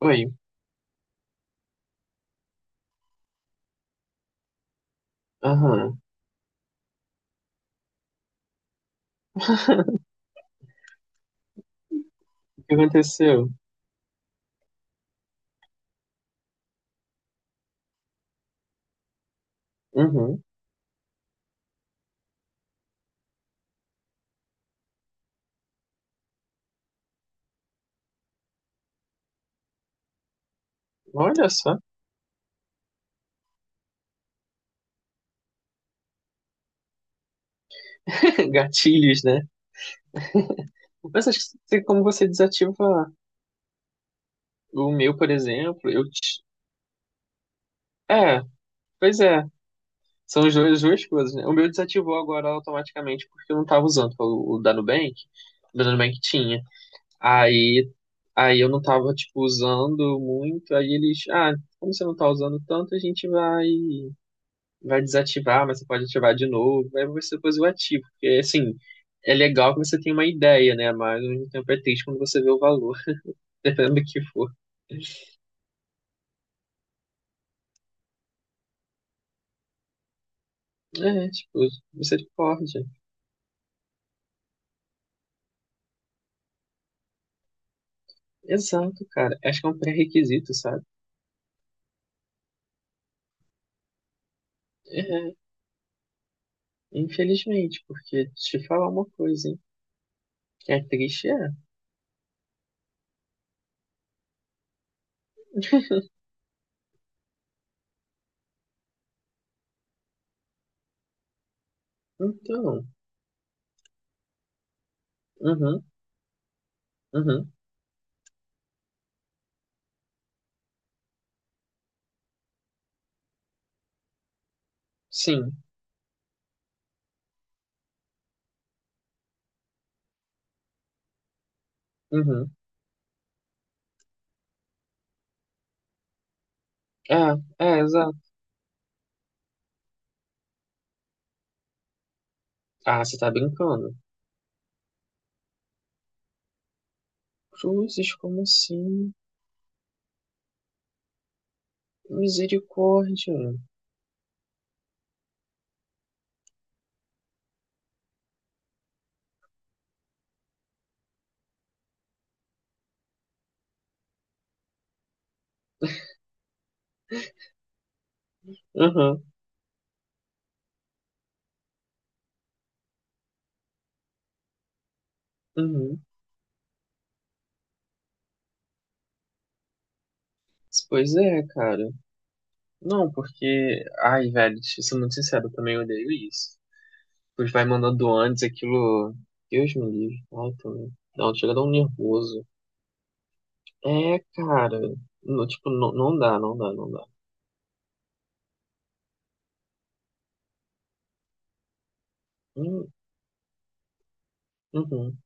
Oi. Aham. O que aconteceu? Uhum. Olha só. Gatilhos, né? Mas acho que como você desativa o meu, por exemplo, eu te... É, pois é. São as duas coisas, né? O meu desativou agora automaticamente porque eu não tava usando o da Nubank. O da Nubank tinha. Aí, eu não tava, tipo, usando muito. Aí eles... Ah, como você não tá usando tanto, a gente vai... desativar, mas você pode ativar de novo. Aí você depois o ativa. Porque, assim, é legal que você tenha uma ideia, né? Mas ao mesmo tempo é triste quando você vê o valor, dependendo do que for. É, tipo, misericórdia. Exato, cara. Acho que é um pré-requisito, sabe? É, infelizmente, porque deixa eu te falar uma coisa, hein? É triste, é. Então, uhum, uhum, sim, uhum. Ah, é, exato. Ah, você tá brincando. Cruzes, como assim? Misericórdia. Uhum. Uhum. Pois é, cara. Não, porque. Ai, velho, deixa eu ser muito sincero, eu também odeio isso. Pois vai mandando antes aquilo. Deus me livre. Ai, também. Não, chega a dar um nervoso. É, cara. No, tipo, não, não dá, não dá, não dá. Hum, Uhum.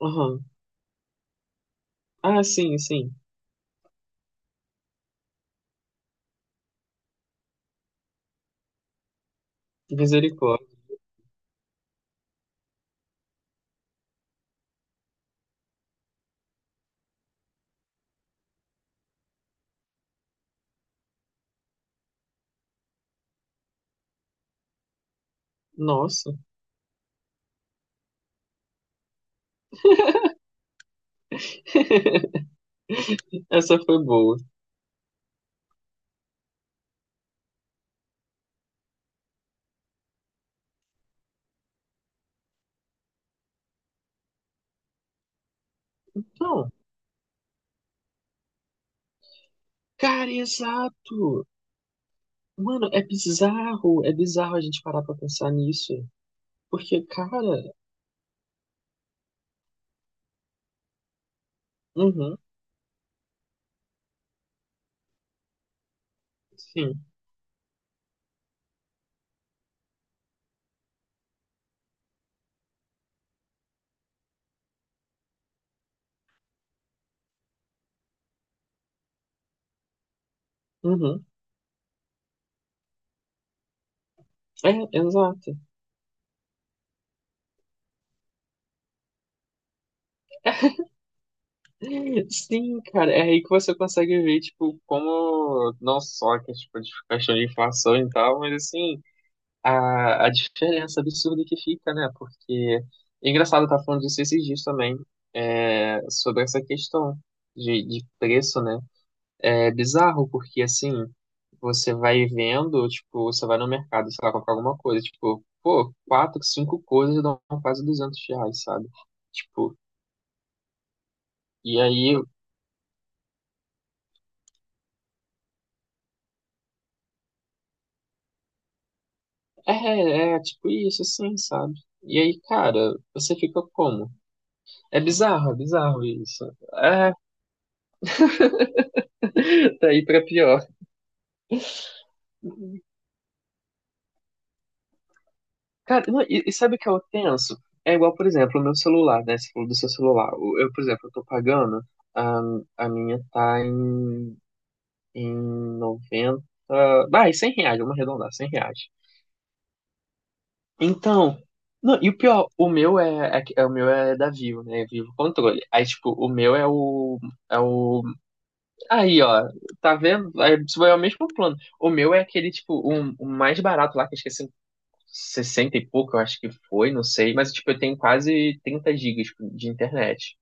Uhum. Ah, sim, sim. Misericórdia. Nossa. Essa foi boa. Não, cara, exato. Mano, é bizarro. É bizarro a gente parar pra pensar nisso. Porque, cara, uhum, sim. Uhum. É, exato. Sim, cara, é aí que você consegue ver, tipo, como não só que, tipo, de questão de inflação e tal, mas assim, a diferença absurda que fica, né? Porque é engraçado estar falando disso esses dias também, é, sobre essa questão de preço, né? É bizarro, porque assim, você vai vendo, tipo, você vai no mercado, sei lá, comprar alguma coisa, tipo, pô, quatro, cinco coisas dão quase R$ 200, sabe? Tipo, e aí, é, tipo isso, assim, sabe? E aí, cara, você fica como? É bizarro isso. É, daí pra pior. Cara, não, e sabe o que eu penso? É igual, por exemplo, o meu celular, né? Você falou do seu celular. Eu, por exemplo, eu tô pagando, a, a minha tá em 90, vai, R$ 100, vamos arredondar, R$ 100. Então, não, e o pior, o meu é, o meu é da Vivo, né? Vivo Controle. Aí, tipo, o meu é o. Aí, ó, tá vendo? Aí, isso é o mesmo plano. O meu é aquele, tipo, um, o mais barato lá, que eu esqueci, 60 e pouco, eu acho que foi, não sei. Mas, tipo, eu tenho quase 30 gigas de internet.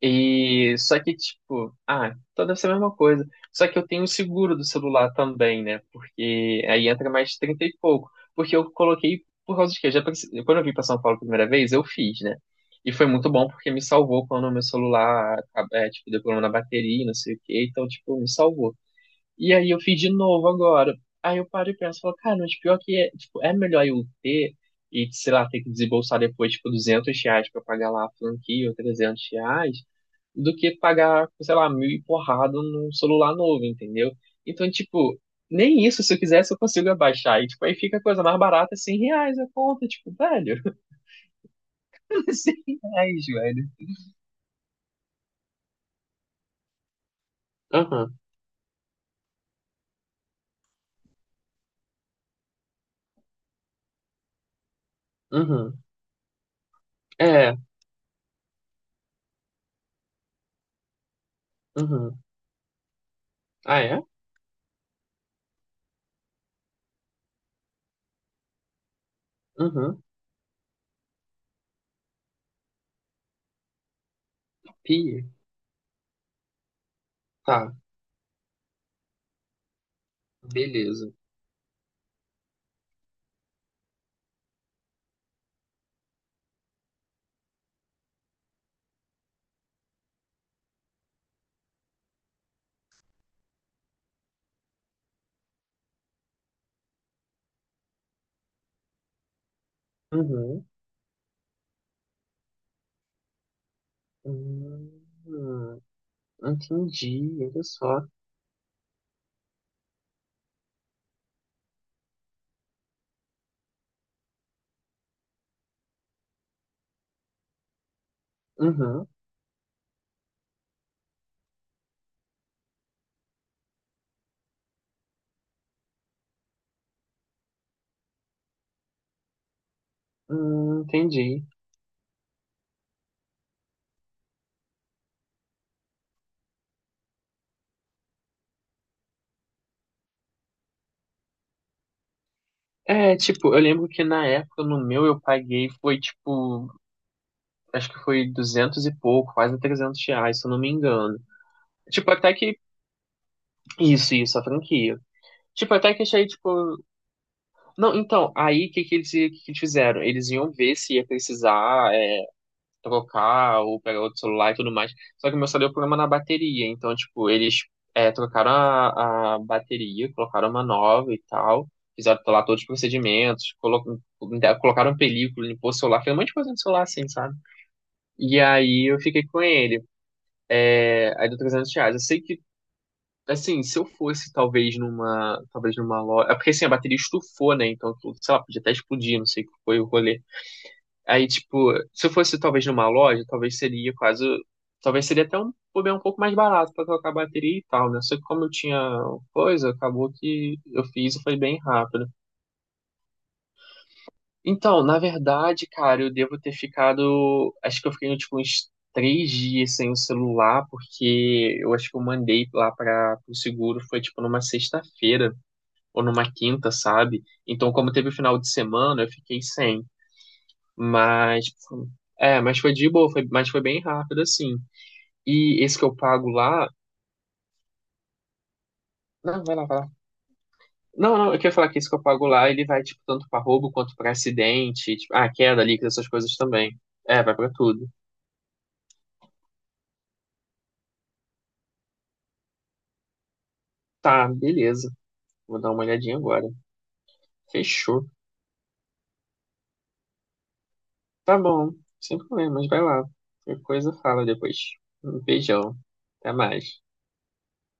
E só que, tipo, ah, então deve ser a mesma coisa. Só que eu tenho o seguro do celular também, né? Porque aí entra mais 30 e pouco. Porque eu coloquei por causa de quê? Quando eu vim pra São Paulo a primeira vez, eu fiz, né? E foi muito bom porque me salvou quando o meu celular, é, tipo, deu problema na bateria, não sei o quê. Então, tipo, me salvou. E aí eu fiz de novo agora. Aí eu paro e penso, falo, cara, mas pior que é, tipo, é melhor eu ter e, sei lá, ter que desembolsar depois, tipo, R$ 200 pra pagar lá a franquia ou R$ 300, do que pagar, sei lá, mil e porrada num celular novo, entendeu? Então, tipo, nem isso, se eu quisesse, eu consigo abaixar. E, tipo, aí fica a coisa mais barata, R$ 100 a conta, tipo, velho, R$ 100, velho. Aham, uhum, é, uhum. Ah, é? Uhum. Pia. Tá, beleza. Uhum. Hum, entendi, olha só. Uhum, entendi. É, tipo, eu lembro que na época no meu eu paguei foi tipo, acho que foi 200 e pouco, quase R$ 300, se eu não me engano. Tipo, até que. Isso, a franquia. Tipo, até que achei, tipo. Não, então, aí o que eles fizeram? Eles iam ver se ia precisar trocar ou pegar outro celular e tudo mais. Só que o meu só deu problema na bateria. Então, tipo, eles trocaram a bateria, colocaram uma nova e tal. Fizeram lá todos os procedimentos, colocaram película, limpou o celular, fez um monte de coisa no celular assim, sabe? E aí eu fiquei com ele. É, aí deu R$ 300. Eu sei que, assim, se eu fosse talvez numa loja. É porque assim, a bateria estufou, né? Então, sei lá, podia até explodir, não sei o que foi o rolê. Aí, tipo, se fosse talvez numa loja, talvez seria quase. Talvez seria até um bobear um pouco mais barato pra trocar a bateria e tal, né? Só que como eu tinha coisa, acabou que eu fiz e foi bem rápido. Então, na verdade, cara, eu devo ter ficado. Acho que eu fiquei, tipo, uns 3 dias sem o celular, porque eu acho que eu mandei lá para o seguro, foi, tipo, numa sexta-feira ou numa quinta, sabe? Então, como teve o final de semana, eu fiquei sem. Mas, tipo, é, mas foi de boa, foi, mas foi bem rápido, assim. E esse que eu pago lá. Não, vai lá, vai lá. Não, não, eu queria falar que esse que eu pago lá, ele vai, tipo, tanto pra roubo quanto pra acidente, tipo, ah, queda líquida, essas coisas também. É, vai pra tudo. Tá, beleza. Vou dar uma olhadinha agora. Fechou. Tá bom, sem problemas, vai lá. Qualquer coisa, fala depois. Um beijão. Até mais.